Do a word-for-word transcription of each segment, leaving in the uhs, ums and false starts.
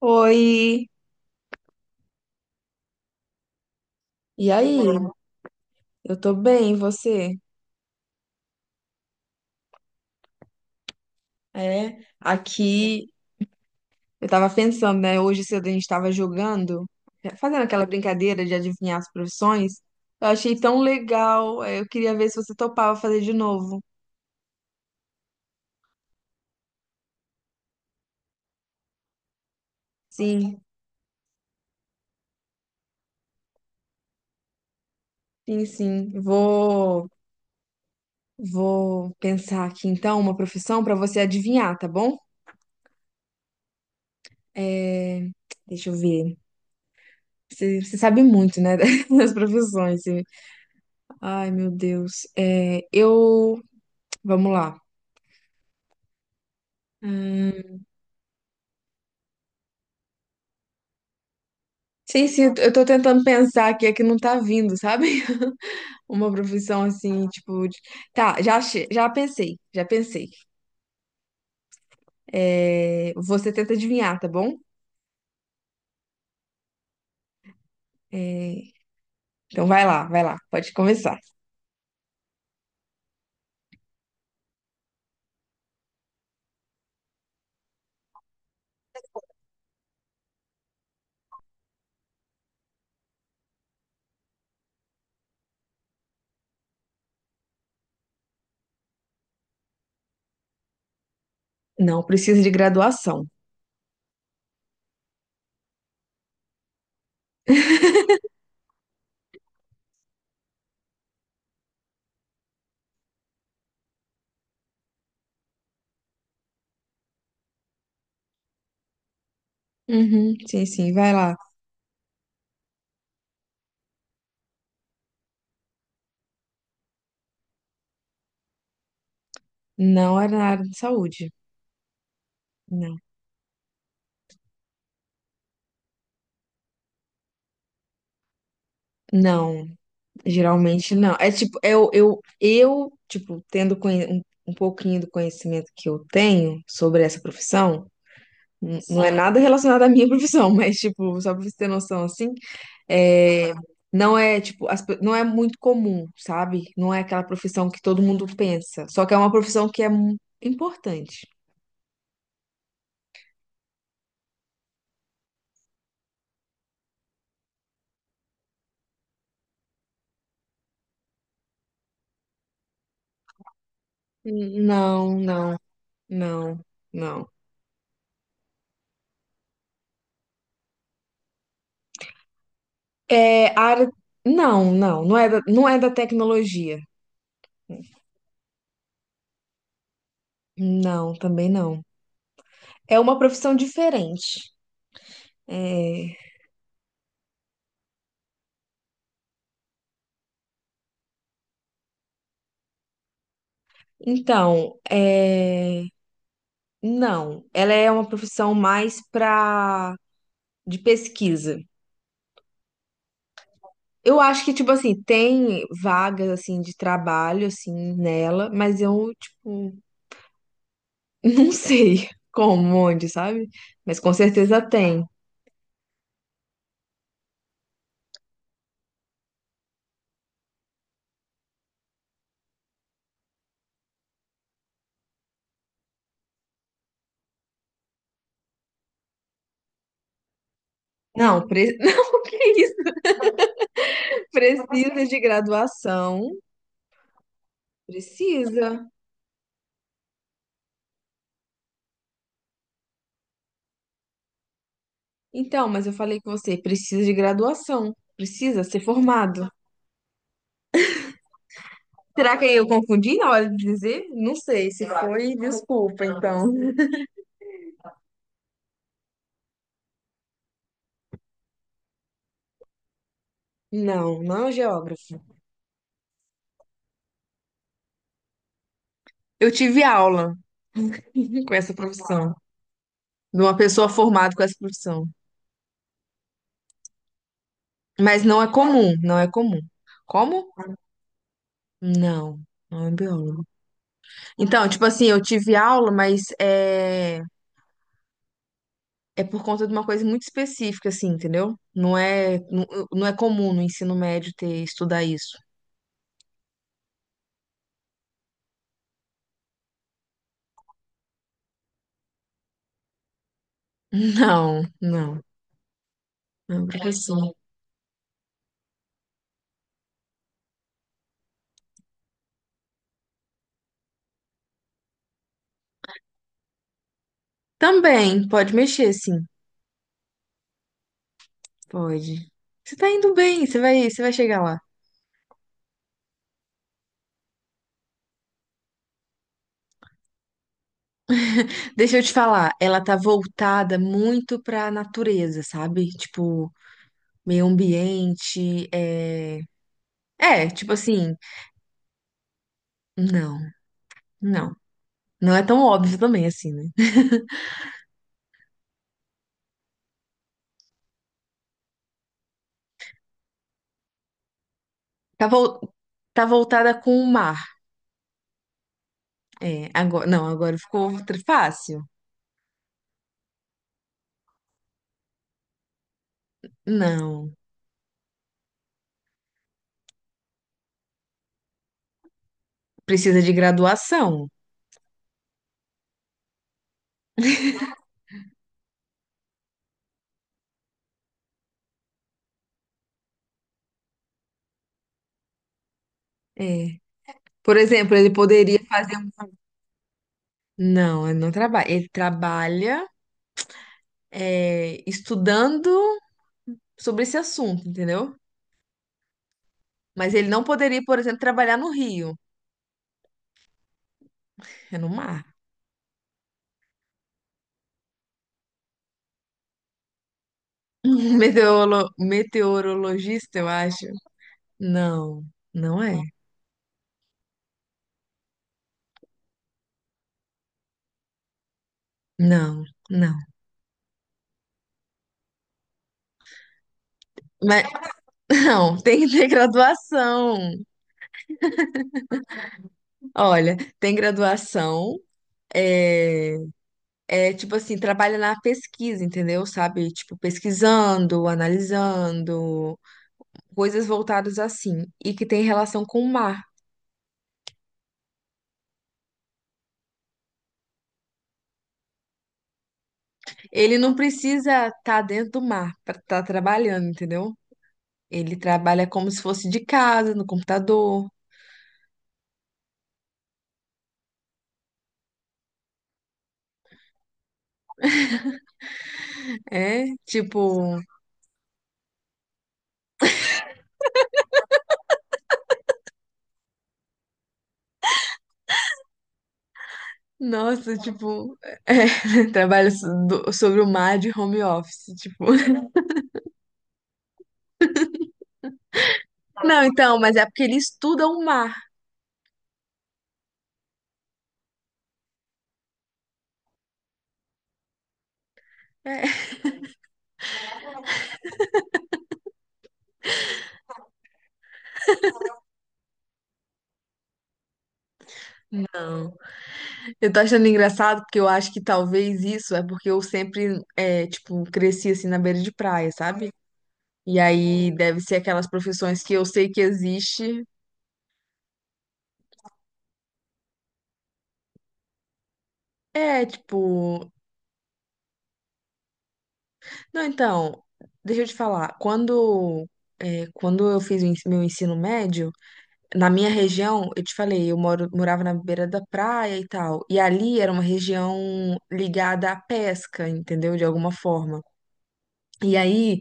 Oi, e aí? Eu tô bem, e você? É, aqui eu tava pensando, né? Hoje cedo a gente tava jogando, fazendo aquela brincadeira de adivinhar as profissões. Eu achei tão legal. é, Eu queria ver se você topava fazer de novo. Sim, sim, sim. Vou, vou pensar aqui então uma profissão pra você adivinhar, tá bom? É, Deixa eu ver. Você, você sabe muito, né? Das profissões. Você- Ai, meu Deus. É, eu. Vamos lá. Hum, Sim, sim, eu tô eu tô tentando pensar aqui, é que não tá vindo, sabe? Uma profissão assim, tipo. de- Tá, já, achei- já pensei, já pensei. É, Você tenta adivinhar, tá bom? É, Então vai lá, vai lá, pode começar. Não, precisa de graduação. Uhum, sim, sim, vai lá. Não é na área de saúde. Não. Não, geralmente não. É tipo, eu, eu, eu tipo, tendo conhe- um, um pouquinho do conhecimento que eu tenho sobre essa profissão. N- Não é nada relacionado à minha profissão, mas, tipo, só pra você ter noção, assim, é, não é, tipo, as pe- não é muito comum, sabe? Não é aquela profissão que todo mundo pensa. Só que é uma profissão que é mu- importante. N- Não, não, não, não. É, a área... Não, não, não é da, não é da tecnologia. Não, também não. É uma profissão diferente. É, Então, é, não, ela é uma profissão mais para de pesquisa. Eu acho que, tipo assim, tem vagas, assim, de trabalho, assim, nela, mas eu, tipo, não sei como, onde, sabe? Mas com certeza tem. Não, pre... não, que isso? Precisa de graduação. Precisa. Então, mas eu falei com você, precisa de graduação. Precisa ser formado. Será que eu confundi na hora de dizer? Não sei, se foi, desculpa, então. Não, não é um geógrafo. Eu tive aula com essa profissão. De uma pessoa formada com essa profissão. Mas não é comum, não é comum. Como? Não, não é biólogo. Então, tipo assim, eu tive aula, mas é, é por conta de uma coisa muito específica, assim, entendeu? Não é, não, não é comum no ensino médio ter estudar isso. Não, não, não é professor. Também, pode mexer, sim, pode. Você tá indo bem, você vai, você vai chegar lá. Deixa eu te falar, ela tá voltada muito pra natureza, sabe? Tipo, meio ambiente, é... É, tipo assim, não, não. Não é tão óbvio também, assim, né? Tá, vol- tá voltada com o mar. É, agora, não, agora ficou tr- fácil. Não, precisa de graduação. É. Por exemplo, ele poderia fazer um... Não, ele não trabalha. Ele trabalha, é, estudando sobre esse assunto, entendeu? Mas ele não poderia, por exemplo, trabalhar no Rio. É no mar. Meteorolo- Meteorologista, eu acho. Não, não é. Não, não. Mas não, tem que ter graduação. Olha, tem graduação. É, é tipo assim, trabalha na pesquisa, entendeu? Sabe? Tipo, pesquisando, analisando, coisas voltadas assim, e que tem relação com o mar. Ele não precisa estar dentro do mar para estar trabalhando, entendeu? Ele trabalha como se fosse de casa, no computador. É, tipo, Nossa, tipo, é, trabalho so- do- sobre o mar de home office, tipo. Não, então, mas é porque ele estuda o mar. É. Não. Eu tô achando engraçado porque eu acho que talvez isso é porque eu sempre, é, tipo, cresci assim na beira de praia, sabe? E aí deve ser aquelas profissões que eu sei que existe. É, tipo. Não, então, deixa eu te falar. Quando, é, quando eu fiz o ens- meu ensino médio, na minha região, eu te falei, eu moro, morava na beira da praia e tal. E ali era uma região ligada à pesca, entendeu? De alguma forma. E aí,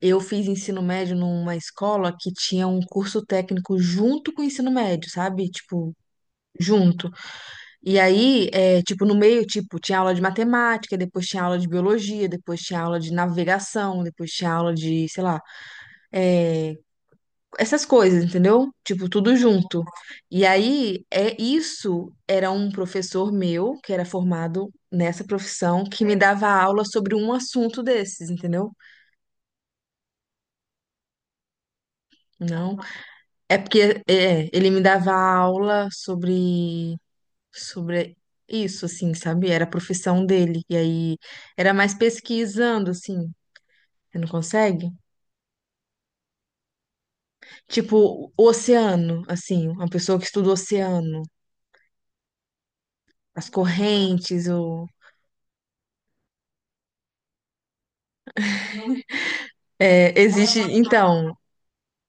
eu fiz ensino médio numa escola que tinha um curso técnico junto com o ensino médio, sabe? Tipo, junto. E aí, é, tipo, no meio, tipo, tinha aula de matemática, depois tinha aula de biologia, depois tinha aula de navegação, depois tinha aula de, sei lá, é, essas coisas, entendeu? Tipo, tudo junto. E aí, é isso era um professor meu, que era formado nessa profissão, que me dava aula sobre um assunto desses, entendeu? Não. É porque é, ele me dava aula sobre sobre isso, assim, sabe? Era a profissão dele. E aí era mais pesquisando, assim. Você não consegue? Tipo, o oceano, assim, uma pessoa que estuda o oceano, as correntes, o é, existe, então,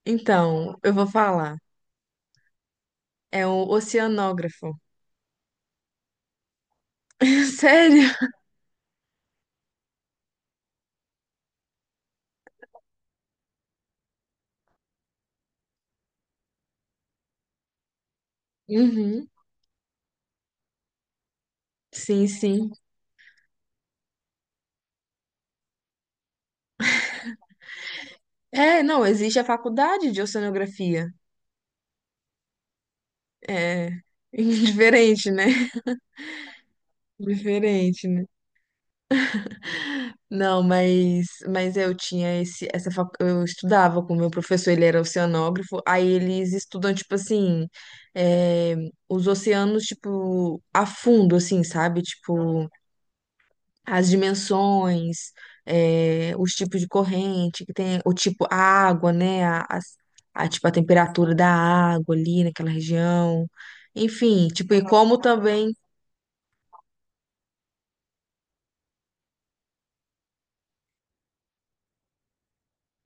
então, eu vou falar. É um oceanógrafo. Sério? Uhum. Sim, sim. É, não, existe a faculdade de oceanografia. É diferente, né? Diferente, né? Não, mas, mas eu tinha esse, essa, fac- eu estudava com o meu professor, ele era oceanógrafo, aí eles estudam, tipo assim, é, os oceanos, tipo, a fundo, assim, sabe? Tipo, as dimensões, eh, os tipos de corrente que tem, o tipo, a água, né? A, as- a, tipo, a temperatura da água ali naquela região. Enfim, tipo, e como também.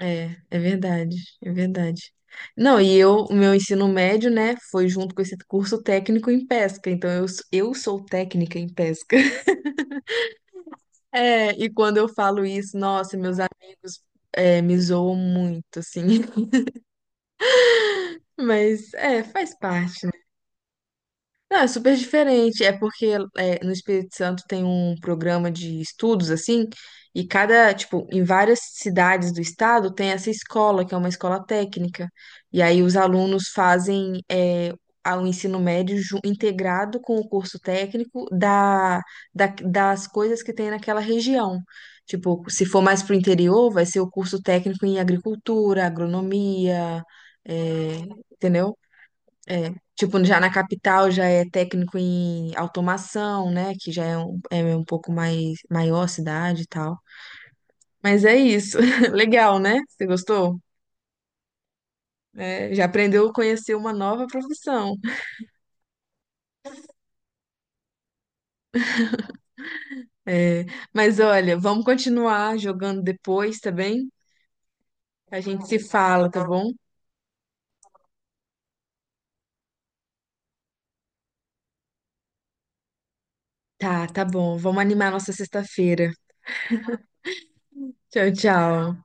É, é verdade, é verdade. Não, e eu, o meu ensino médio, né, foi junto com esse curso técnico em pesca, então eu, s- eu sou técnica em pesca. É, e quando eu falo isso, nossa, meus amigos, é, me zoam muito, assim. Mas, é, faz parte. Não, é super diferente. É porque é, no Espírito Santo tem um programa de estudos, assim, e cada, tipo, em várias cidades do estado tem essa escola, que é uma escola técnica. E aí os alunos fazem é, a- o ensino médio ju- integrado com o curso técnico da, da- das coisas que tem naquela região. Tipo, se for mais pro interior, vai ser o curso técnico em agricultura, agronomia, é, entendeu? É, tipo, já na capital já é técnico em automação, né? Que já é um, é um pouco mais maior a cidade e tal. Mas é isso. Legal, né? Você gostou? É, já aprendeu a conhecer uma nova profissão. É, mas olha, vamos continuar jogando depois, tá bem? A gente se fala, tá bom? Tá, tá bom. Vamos animar nossa sexta-feira. Tchau, tchau.